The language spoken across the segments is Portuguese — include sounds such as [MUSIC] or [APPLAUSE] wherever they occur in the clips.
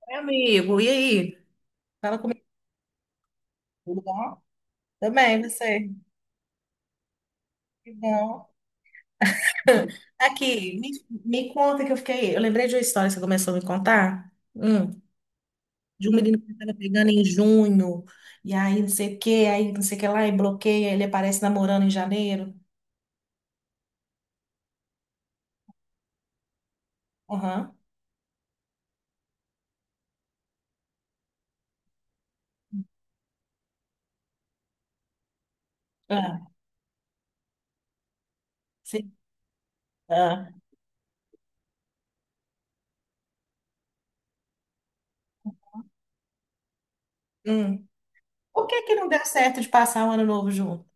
Oi, amigo, e aí? Fala comigo, tudo bom? Também, você? Que bom. [LAUGHS] Aqui, me conta que eu fiquei. Eu lembrei de uma história que você começou a me contar. De um menino que estava pegando em junho, e aí não sei o que, aí não sei o que lá, e bloqueia, ele aparece namorando em janeiro. Aham. Ah, sim. Ah. Hum. Por que que não deu certo de passar o ano novo junto?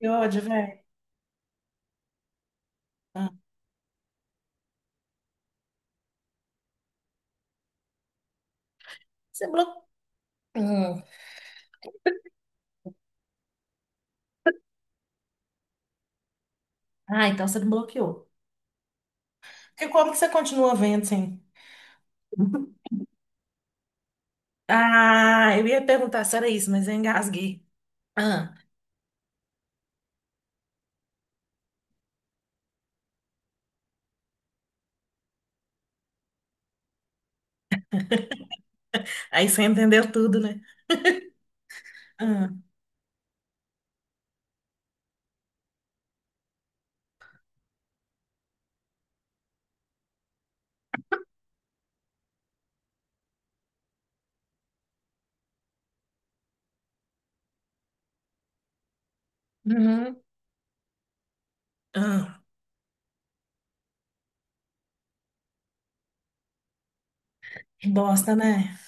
Que ódio, velho. Ah. Você bloqueou. Ah, então você não bloqueou. Porque como que você continua vendo, assim? Ah, eu ia perguntar se era isso, mas eu engasguei. Ah, aí você entendeu tudo, né? Ah. Uhum. Ah, que bosta, né?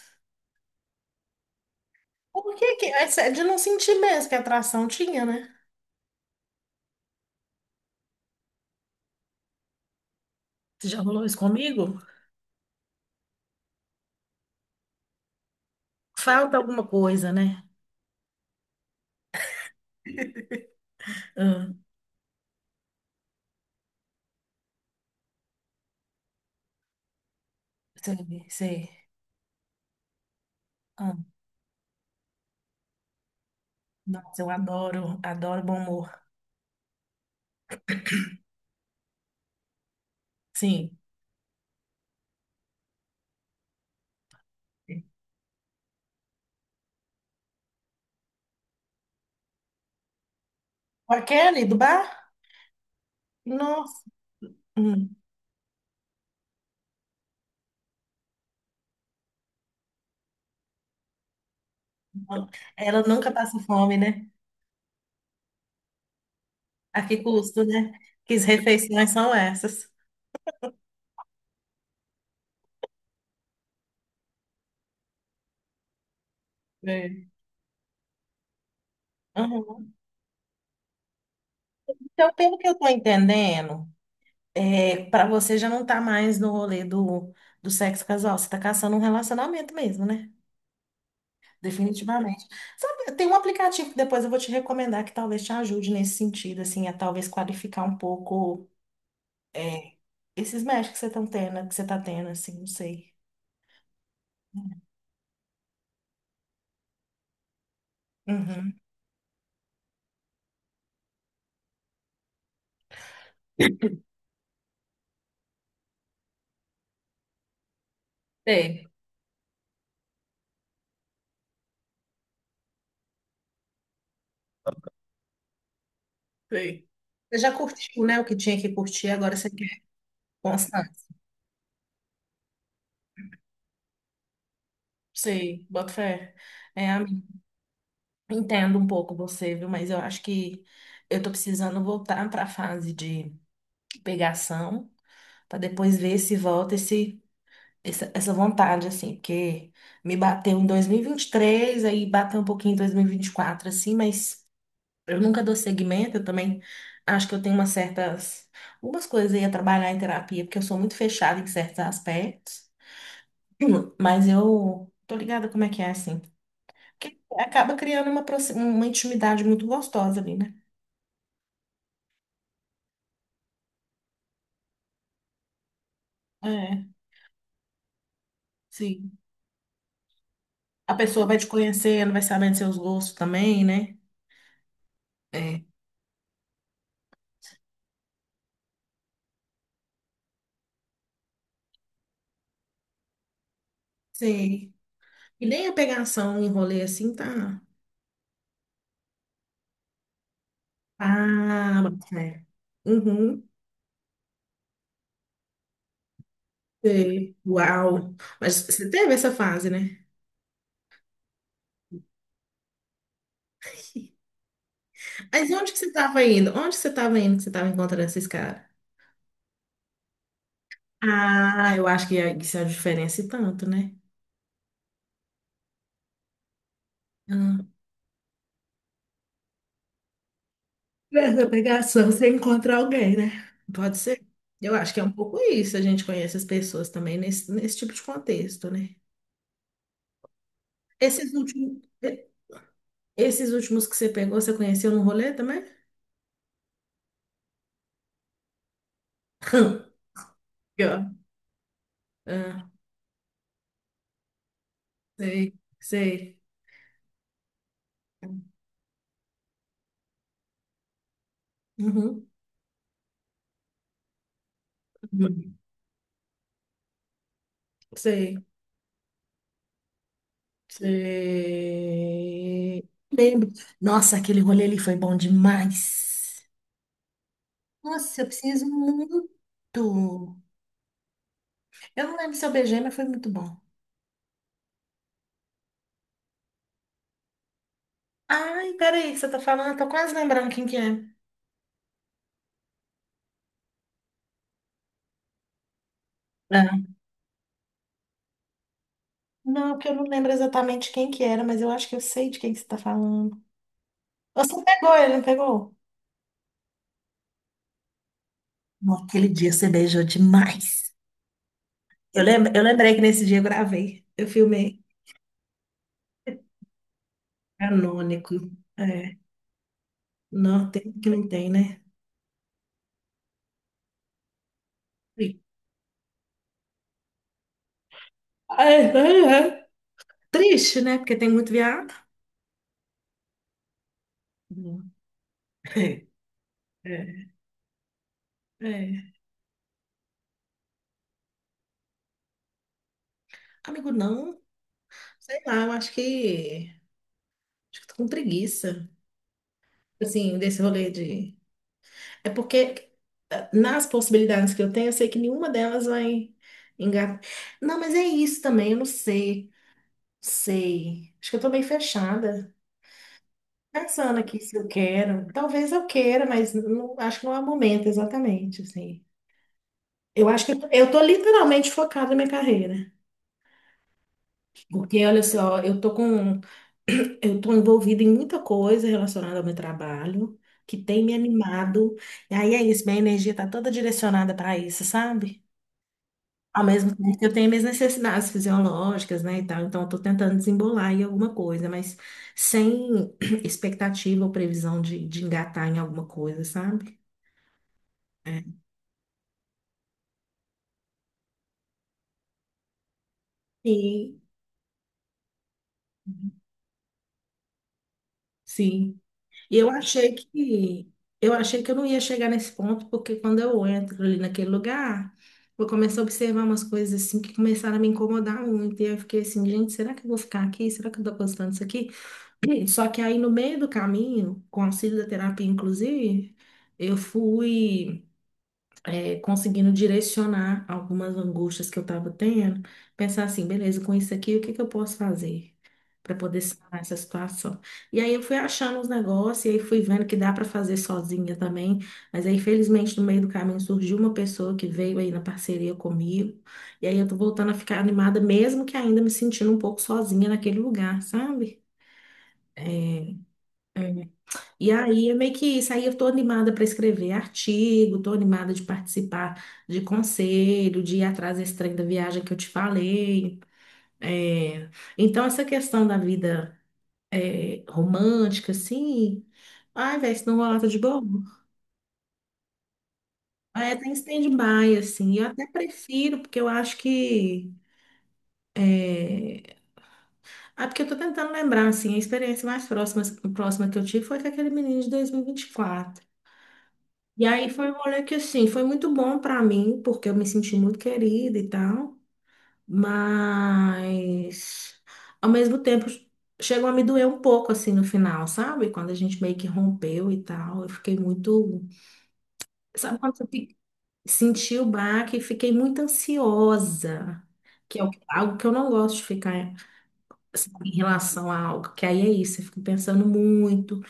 É de não sentir mesmo que a atração tinha, né? Você já rolou isso comigo? Falta alguma coisa, né? Ah, sei, sei. Ah, nossa, eu adoro, adoro bom humor. Sim. Com a Kelly do bar? Nossa, Hum, não. Ela nunca passa fome, né? A que custo, né? Que as refeições são essas. É. Então, pelo que eu tô entendendo, é, para você já não tá mais no rolê do sexo casual, você tá caçando um relacionamento mesmo, né? Definitivamente. Sabe, tem um aplicativo que depois eu vou te recomendar que talvez te ajude nesse sentido, assim, a talvez qualificar um pouco, é, esses matches que você tá tendo, assim, não sei. Uhum. Sei, sei. Você já curtiu, né, o que tinha que curtir, agora você quer constância. Sei, boto fé. É, entendo um pouco você, viu? Mas eu acho que eu tô precisando voltar para a fase de pegação, para depois ver se volta essa vontade, assim, porque me bateu em 2023, aí bateu um pouquinho em 2024, assim, mas eu nunca dou seguimento, eu também acho que eu tenho algumas coisas aí a trabalhar em terapia, porque eu sou muito fechada em certos aspectos, [CLEARS THROAT] mas eu tô ligada como é que é, assim. Porque acaba criando uma intimidade muito gostosa ali, né? É, sim. A pessoa vai te conhecendo, vai sabendo seus gostos também, né? É, sim. E nem a pegação em rolê assim tá. Ah, é. Uhum. Sei. Uau. Mas você teve essa fase, né? Onde que você tava indo que você tava encontrando esses caras? Ah, eu acho que isso é a diferença e tanto, né? Ah. Nessa pegação, você encontra alguém, né? Pode ser. Eu acho que é um pouco isso, a gente conhece as pessoas também nesse tipo de contexto, né? Esses últimos, esses últimos que você pegou, você conheceu no rolê também? [LAUGHS] Pior. Ah, sei, sei. Uhum. Uhum. Sei, sei. Lembro. Nossa, aquele rolê ali foi bom demais. Nossa, eu preciso muito. Eu não lembro se eu beijei, mas foi muito bom. Ai, peraí, que você tá falando? Eu tô quase lembrando quem que é. Ah. Não, porque eu não lembro exatamente quem que era, mas eu acho que eu sei de quem que você tá falando. Você pegou, ele não pegou? Naquele dia você beijou demais. Eu lembrei que nesse dia eu gravei. Eu filmei canônico. É. Não, tem que não tem, né? Ai, ai, ai. Triste, né? Porque tem muito viado. Hum. É, é, é. Amigo, não. Sei lá, eu acho que. Acho que tô com preguiça. Assim, desse rolê de. É porque nas possibilidades que eu tenho, eu sei que nenhuma delas vai engatar. Não, mas é isso também, eu não sei. Sei. Acho que eu tô bem fechada, pensando aqui se eu quero. Talvez eu queira, mas não, acho que não é o momento exatamente, assim. Eu acho que eu tô literalmente focada na minha carreira. Porque, olha só, eu tô com. [CLEARS THROAT] Eu tô envolvida em muita coisa relacionada ao meu trabalho, que tem me animado. E aí é isso, minha energia tá toda direcionada para isso, sabe? Ao mesmo tempo que eu tenho minhas necessidades fisiológicas, né, e tal. Então, eu tô tentando desembolar em alguma coisa, mas sem [CLEARS THROAT] expectativa ou previsão de engatar em alguma coisa, sabe? Sim, sim. E eu achei que eu não ia chegar nesse ponto, porque quando eu entro ali naquele lugar, eu comecei a observar umas coisas assim que começaram a me incomodar muito. E eu fiquei assim, gente, será que eu vou ficar aqui? Será que eu tô gostando disso aqui? [CLEARS THROAT] Só que aí no meio do caminho, com o auxílio da terapia, inclusive, eu fui conseguindo direcionar algumas angústias que eu estava tendo, pensar assim, beleza, com isso aqui, o que que eu posso fazer para poder sanar essa situação? E aí eu fui achando os negócios, e aí fui vendo que dá para fazer sozinha também, mas aí felizmente no meio do caminho surgiu uma pessoa que veio aí na parceria comigo, e aí eu tô voltando a ficar animada, mesmo que ainda me sentindo um pouco sozinha naquele lugar, sabe? É, e aí é meio que isso. Aí eu tô animada para escrever artigo, tô animada de participar de conselho, de ir atrás desse trem da viagem que eu te falei. É, então, essa questão da vida romântica, assim. Ai, velho, isso não rola tá de bobo. É, tá em stand-by, assim. Eu até prefiro, porque eu acho que. É. Ah, porque eu tô tentando lembrar, assim, a experiência mais próxima que eu tive foi com aquele menino de 2024. E aí foi um rolê que, assim, foi muito bom pra mim, porque eu me senti muito querida e tal, mas ao mesmo tempo chegou a me doer um pouco, assim, no final, sabe? Quando a gente meio que rompeu e tal, eu fiquei muito. Sabe quando você fi- Senti o baque e fiquei muito ansiosa, que algo que eu não gosto de ficar sabe, em relação a algo, que aí é isso, eu fico pensando muito,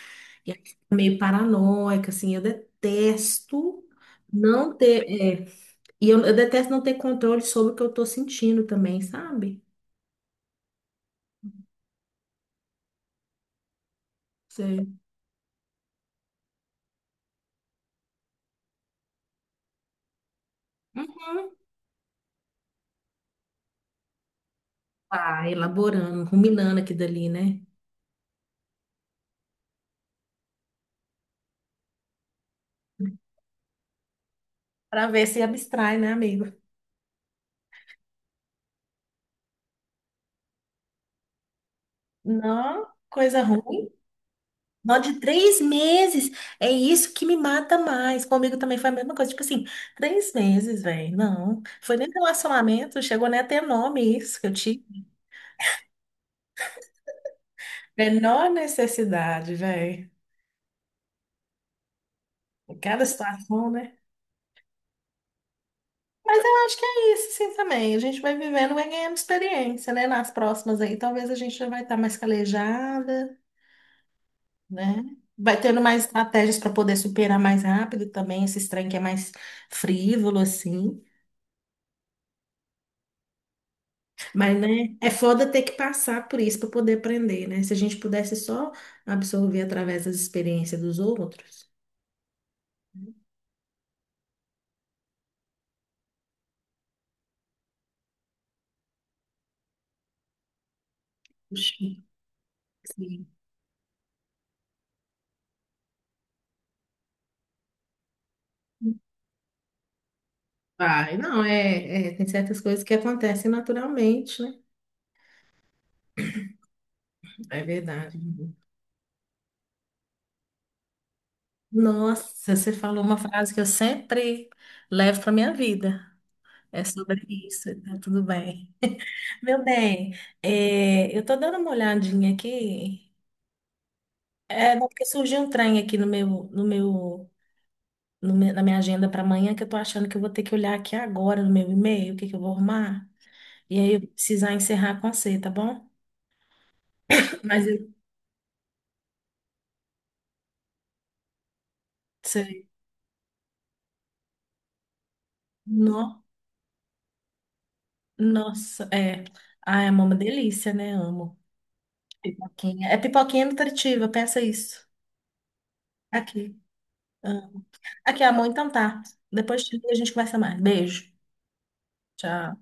e aí fico meio paranoica, assim, eu detesto. Não ter, é, E eu detesto não ter controle sobre o que eu tô sentindo também, sabe? Sei. Uhum. Ah, elaborando, ruminando aqui dali, né? Pra ver se abstrai, né, amigo? Não, coisa ruim. Nó de 3 meses. É isso que me mata mais. Comigo também foi a mesma coisa. Tipo assim, 3 meses, velho. Não. Foi nem relacionamento, chegou nem a ter nome isso que eu tive. Menor necessidade, velho. Cada situação, né? Mas eu acho que é isso, sim, também. A gente vai vivendo, vai ganhando experiência, né? Nas próximas aí, talvez a gente já vai estar mais calejada, né? Vai tendo mais estratégias para poder superar mais rápido também esse trem que é mais frívolo, assim. Mas, né? É foda ter que passar por isso para poder aprender, né? Se a gente pudesse só absorver através das experiências dos outros. Oxi, sim. Vai, não, é, é, tem certas coisas que acontecem naturalmente, né? É verdade. Nossa, você falou uma frase que eu sempre levo para minha vida. É sobre isso, tá tudo bem. Meu bem, é, eu tô dando uma olhadinha aqui. É, não, porque surgiu um trem aqui no meu, no meu, na minha agenda para amanhã que eu tô achando que eu vou ter que olhar aqui agora no meu e-mail, o que que eu vou arrumar. E aí eu vou precisar encerrar com você, tá bom? Mas eu sei. No, nossa, é. Ah, é uma delícia, né? Amo. Pipoquinha. É pipoquinha nutritiva, pensa isso. Aqui. Ah, aqui, amor, então tá. Depois a gente conversa mais. Beijo. Tchau.